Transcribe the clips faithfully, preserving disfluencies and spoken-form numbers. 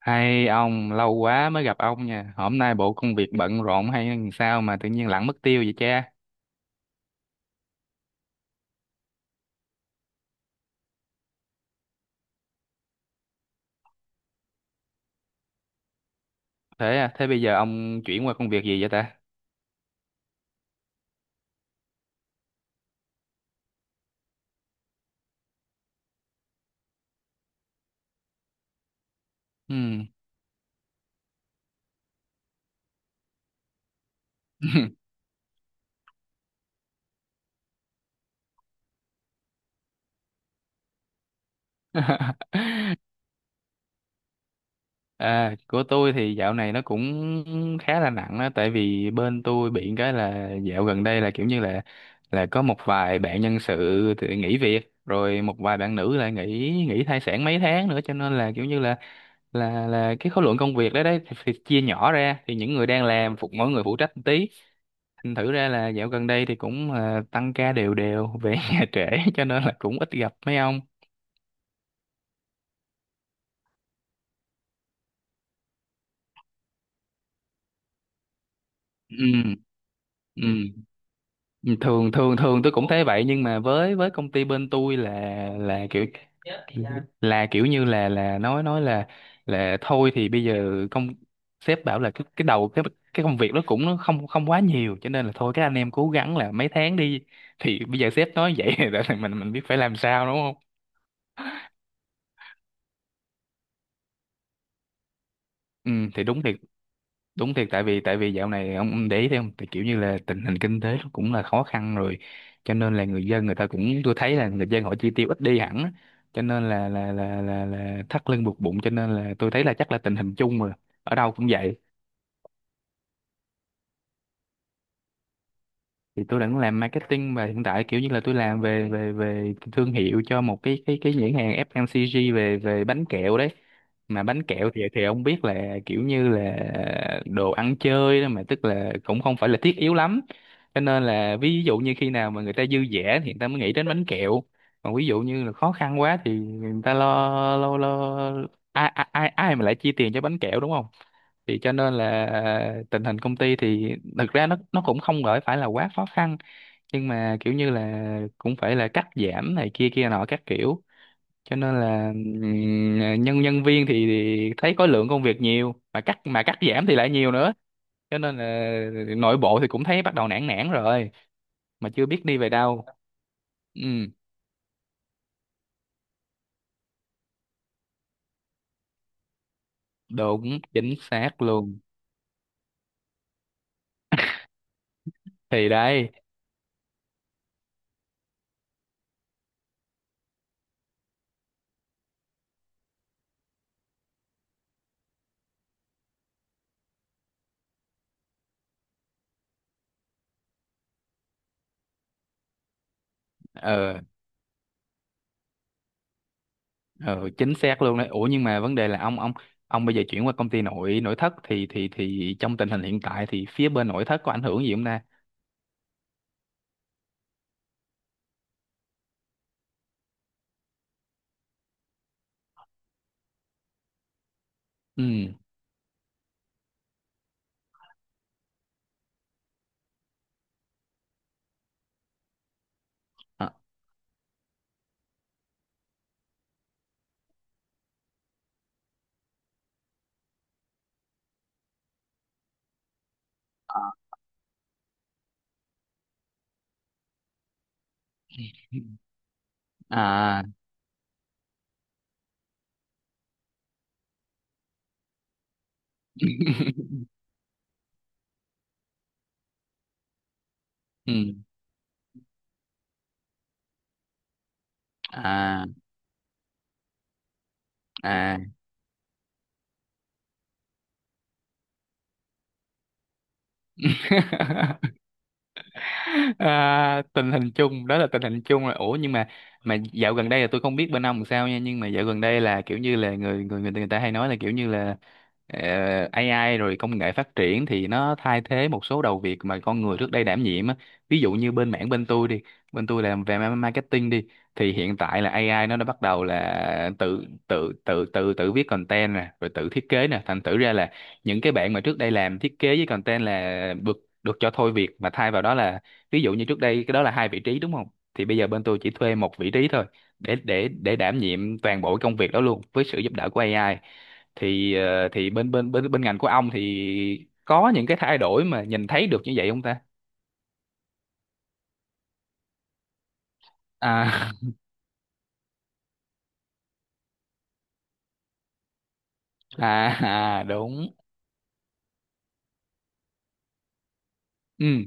Hay ông, lâu quá mới gặp ông nha. Hôm nay bộ công việc bận rộn hay làm sao mà tự nhiên lẳng mất tiêu vậy cha? Thế à, thế bây giờ ông chuyển qua công việc gì vậy ta? Ừm. À, của tôi thì dạo này nó cũng khá là nặng đó, tại vì bên tôi bị cái là dạo gần đây là kiểu như là là có một vài bạn nhân sự thì nghỉ việc, rồi một vài bạn nữ lại nghỉ nghỉ thai sản mấy tháng nữa, cho nên là kiểu như là là là cái khối lượng công việc đấy đấy thì, thì chia nhỏ ra, thì những người đang làm phục mỗi người phụ trách một tí, thành Thử ra là dạo gần đây thì cũng ờ, tăng ca đều đều về nhà trễ, cho nên là cũng ít gặp mấy ông. Ừ, ừ. Thường thường thường tôi cũng thấy vậy, nhưng mà với với công ty bên tôi là là kiểu là kiểu như là là nói nói là là thôi thì bây giờ công sếp bảo là cái cái đầu cái cái công việc nó cũng nó không không quá nhiều, cho nên là thôi các anh em cố gắng là mấy tháng đi. Thì bây giờ sếp nói vậy là mình mình biết phải làm sao đúng không? Ừ thì đúng thiệt, đúng thiệt, tại vì tại vì dạo này ông ông để ý thấy không, tại kiểu như là tình hình kinh tế nó cũng là khó khăn rồi, cho nên là người dân người ta cũng, tôi thấy là người dân họ chi tiêu ít đi hẳn á. Cho nên là là là là, là thắt lưng buộc bụng, cho nên là tôi thấy là chắc là tình hình chung mà, ở đâu cũng vậy. Thì tôi đang làm marketing và hiện tại kiểu như là tôi làm về về về thương hiệu cho một cái cái cái nhãn hàng ép em xê giê về về bánh kẹo đấy. Mà bánh kẹo thì thì ông biết là kiểu như là đồ ăn chơi đó mà, tức là cũng không phải là thiết yếu lắm, cho nên là ví dụ như khi nào mà người ta dư dả thì người ta mới nghĩ đến bánh kẹo, còn ví dụ như là khó khăn quá thì người ta lo lo lo ai ai ai mà lại chi tiền cho bánh kẹo đúng không. Thì cho nên là tình hình công ty thì thực ra nó nó cũng không gọi phải là quá khó khăn, nhưng mà kiểu như là cũng phải là cắt giảm này kia kia nọ các kiểu, cho nên là ừm, nhân nhân viên thì thì thấy có lượng công việc nhiều mà cắt mà cắt giảm thì lại nhiều nữa, cho nên là nội bộ thì cũng thấy bắt đầu nản nản rồi, mà chưa biết đi về đâu. Ừ. Đúng, chính xác luôn. Thì đấy. Ừ. Ừ, chính xác luôn đấy. Ủa nhưng mà vấn đề là ông ông ông bây giờ chuyển qua công ty nội nội thất thì thì thì trong tình hình hiện tại thì phía bên nội thất có ảnh hưởng gì không ta? Ừ. À. À. Ừ. À. À. À, tình hình chung đó, là tình hình chung. Là ủa nhưng mà mà dạo gần đây là tôi không biết bên ông làm sao nha, nhưng mà dạo gần đây là kiểu như là người người người, người ta hay nói là kiểu như là ờ, a i rồi công nghệ phát triển thì nó thay thế một số đầu việc mà con người trước đây đảm nhiệm á, ví dụ như bên mảng bên tôi đi, bên tôi làm về ma- marketing đi, thì hiện tại là a i nó đã bắt đầu là tự tự tự tự tự viết content nè, rồi tự thiết kế nè, thành thử ra là những cái bạn mà trước đây làm thiết kế với content là được được cho thôi việc, mà thay vào đó là, ví dụ như trước đây cái đó là hai vị trí đúng không, thì bây giờ bên tôi chỉ thuê một vị trí thôi, để để để đảm nhiệm toàn bộ công việc đó luôn với sự giúp đỡ của a i. Thì ờ, thì bên bên bên bên ngành của ông thì có những cái thay đổi mà nhìn thấy được như vậy không ta? À. À, à đúng. Ừ.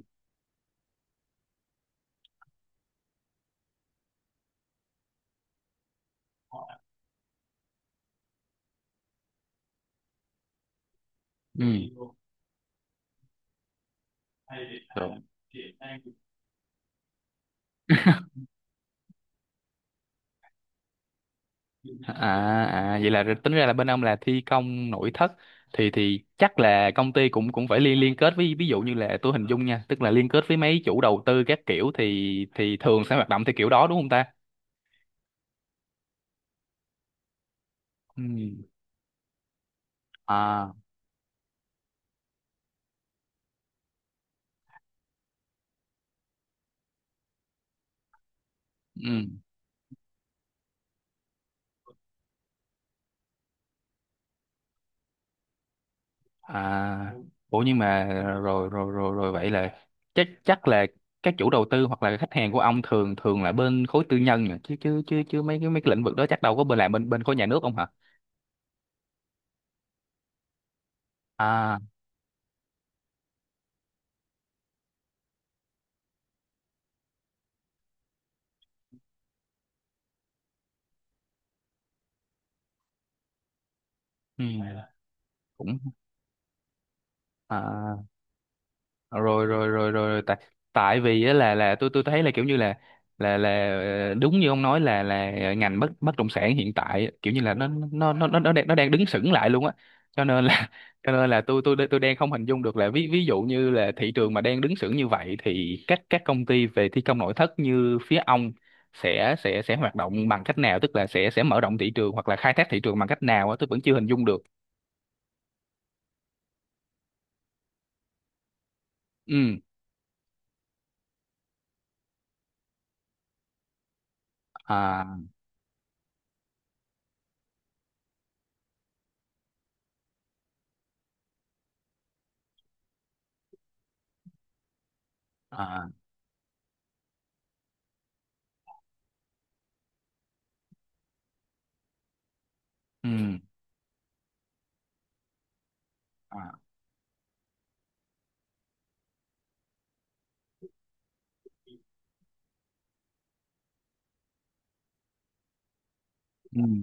Ừ. À, à vậy là tính ra là bên ông là thi công nội thất, thì thì chắc là công ty cũng cũng phải liên liên kết với, ví dụ như là tôi hình dung nha, tức là liên kết với mấy chủ đầu tư các kiểu, thì thì thường sẽ hoạt động theo kiểu đó đúng không ta? Ừ. À, ừ. À. Ủa nhưng mà rồi rồi rồi rồi vậy là chắc chắc là các chủ đầu tư hoặc là khách hàng của ông thường thường là bên khối tư nhân nhỉ? Chứ chứ chứ chứ mấy cái mấy cái lĩnh vực đó chắc đâu có bên làm bên bên khối nhà nước không hả? À, ừ. Cũng. À. Ờ, rồi rồi rồi rồi rồi. Tại tại vì á là là tôi tôi thấy là kiểu như là là là ờ, đúng như ông nói là là ngành bất bất động sản hiện tại á, kiểu như là nó nó nó nó nó đang nó đang đứng sững lại luôn á, cho nên là cho nên là tôi tôi tôi đang không hình dung được là ví ví dụ như là thị trường mà đang đứng sững như vậy thì các các công ty về thi công nội thất như phía ông sẽ sẽ sẽ hoạt động bằng cách nào, tức là sẽ sẽ mở rộng thị trường hoặc là khai thác thị trường bằng cách nào á, tôi vẫn chưa hình dung được. Ừ. À. À. Ừ. À. Ừ.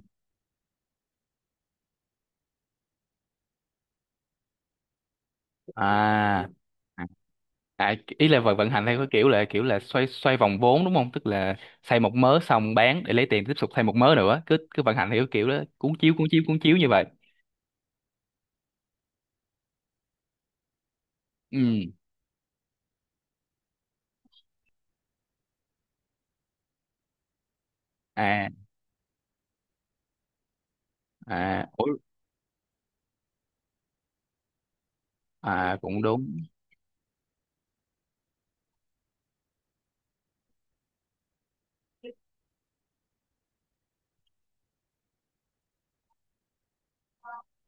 À. À, à, ý là vận vận hành theo cái kiểu là kiểu là xoay xoay vòng vốn đúng không? Tức là xây một mớ xong bán để lấy tiền tiếp tục xây một mớ nữa, cứ cứ vận hành theo cái kiểu đó, cuốn chiếu cuốn chiếu cuốn chiếu như vậy. Ừ. À. À ủa, à cũng đúng.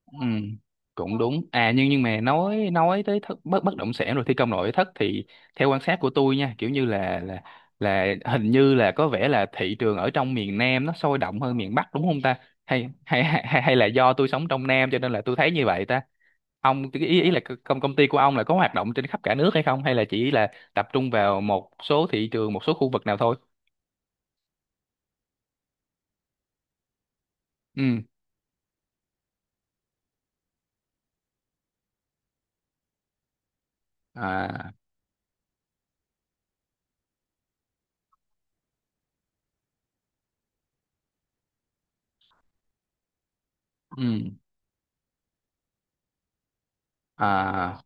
Ừ, cũng đúng. À, nhưng nhưng mà nói nói tới thất, bất bất động sản rồi thi công nội thất thì theo quan sát của tôi nha, kiểu như là là là hình như là có vẻ là thị trường ở trong miền Nam nó sôi động hơn miền Bắc đúng không ta? Hay hay hay, hay là do tôi sống trong Nam cho nên là tôi thấy như vậy ta? Ông cái ý ý là công công ty của ông là có hoạt động trên khắp cả nước hay không, hay là chỉ là tập trung vào một số thị trường, một số khu vực nào thôi? Ừ. À, ừ. À.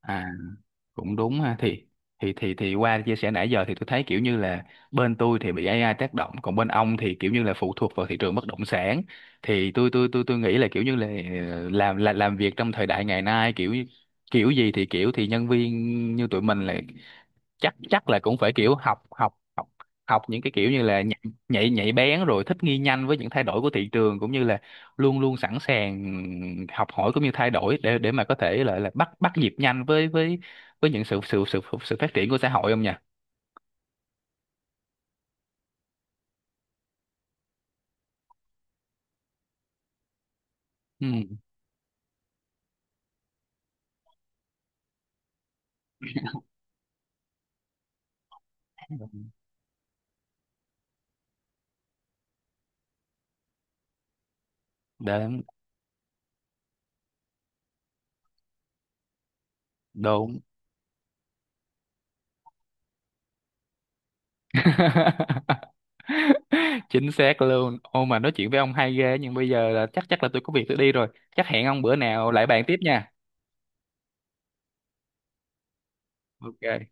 À cũng đúng ha. Thì thì thì thì qua chia sẻ nãy giờ thì tôi thấy kiểu như là bên tôi thì bị a i tác động, còn bên ông thì kiểu như là phụ thuộc vào thị trường bất động sản, thì tôi tôi tôi tôi nghĩ là kiểu như là ờ, làm là làm việc trong thời đại ngày nay kiểu như- kiểu gì thì kiểu, thì nhân viên như tụi mình là chắc chắc là cũng phải kiểu học học học học những cái kiểu như là nhạy nhạy nhạy bén, rồi thích nghi nhanh với những thay đổi của thị trường, cũng như là luôn luôn sẵn sàng học hỏi cũng như thay đổi để để mà có thể là là bắt bắt nhịp nhanh với với với những sự sự sự sự phát triển của xã hội không nhỉ? Ừ. Đúng, đúng. Chính xác luôn. Ô, mà nói chuyện với ông hay ghê, nhưng bây giờ là chắc chắc là tôi có việc tôi đi rồi. Chắc hẹn ông bữa nào lại bàn tiếp nha. Ok.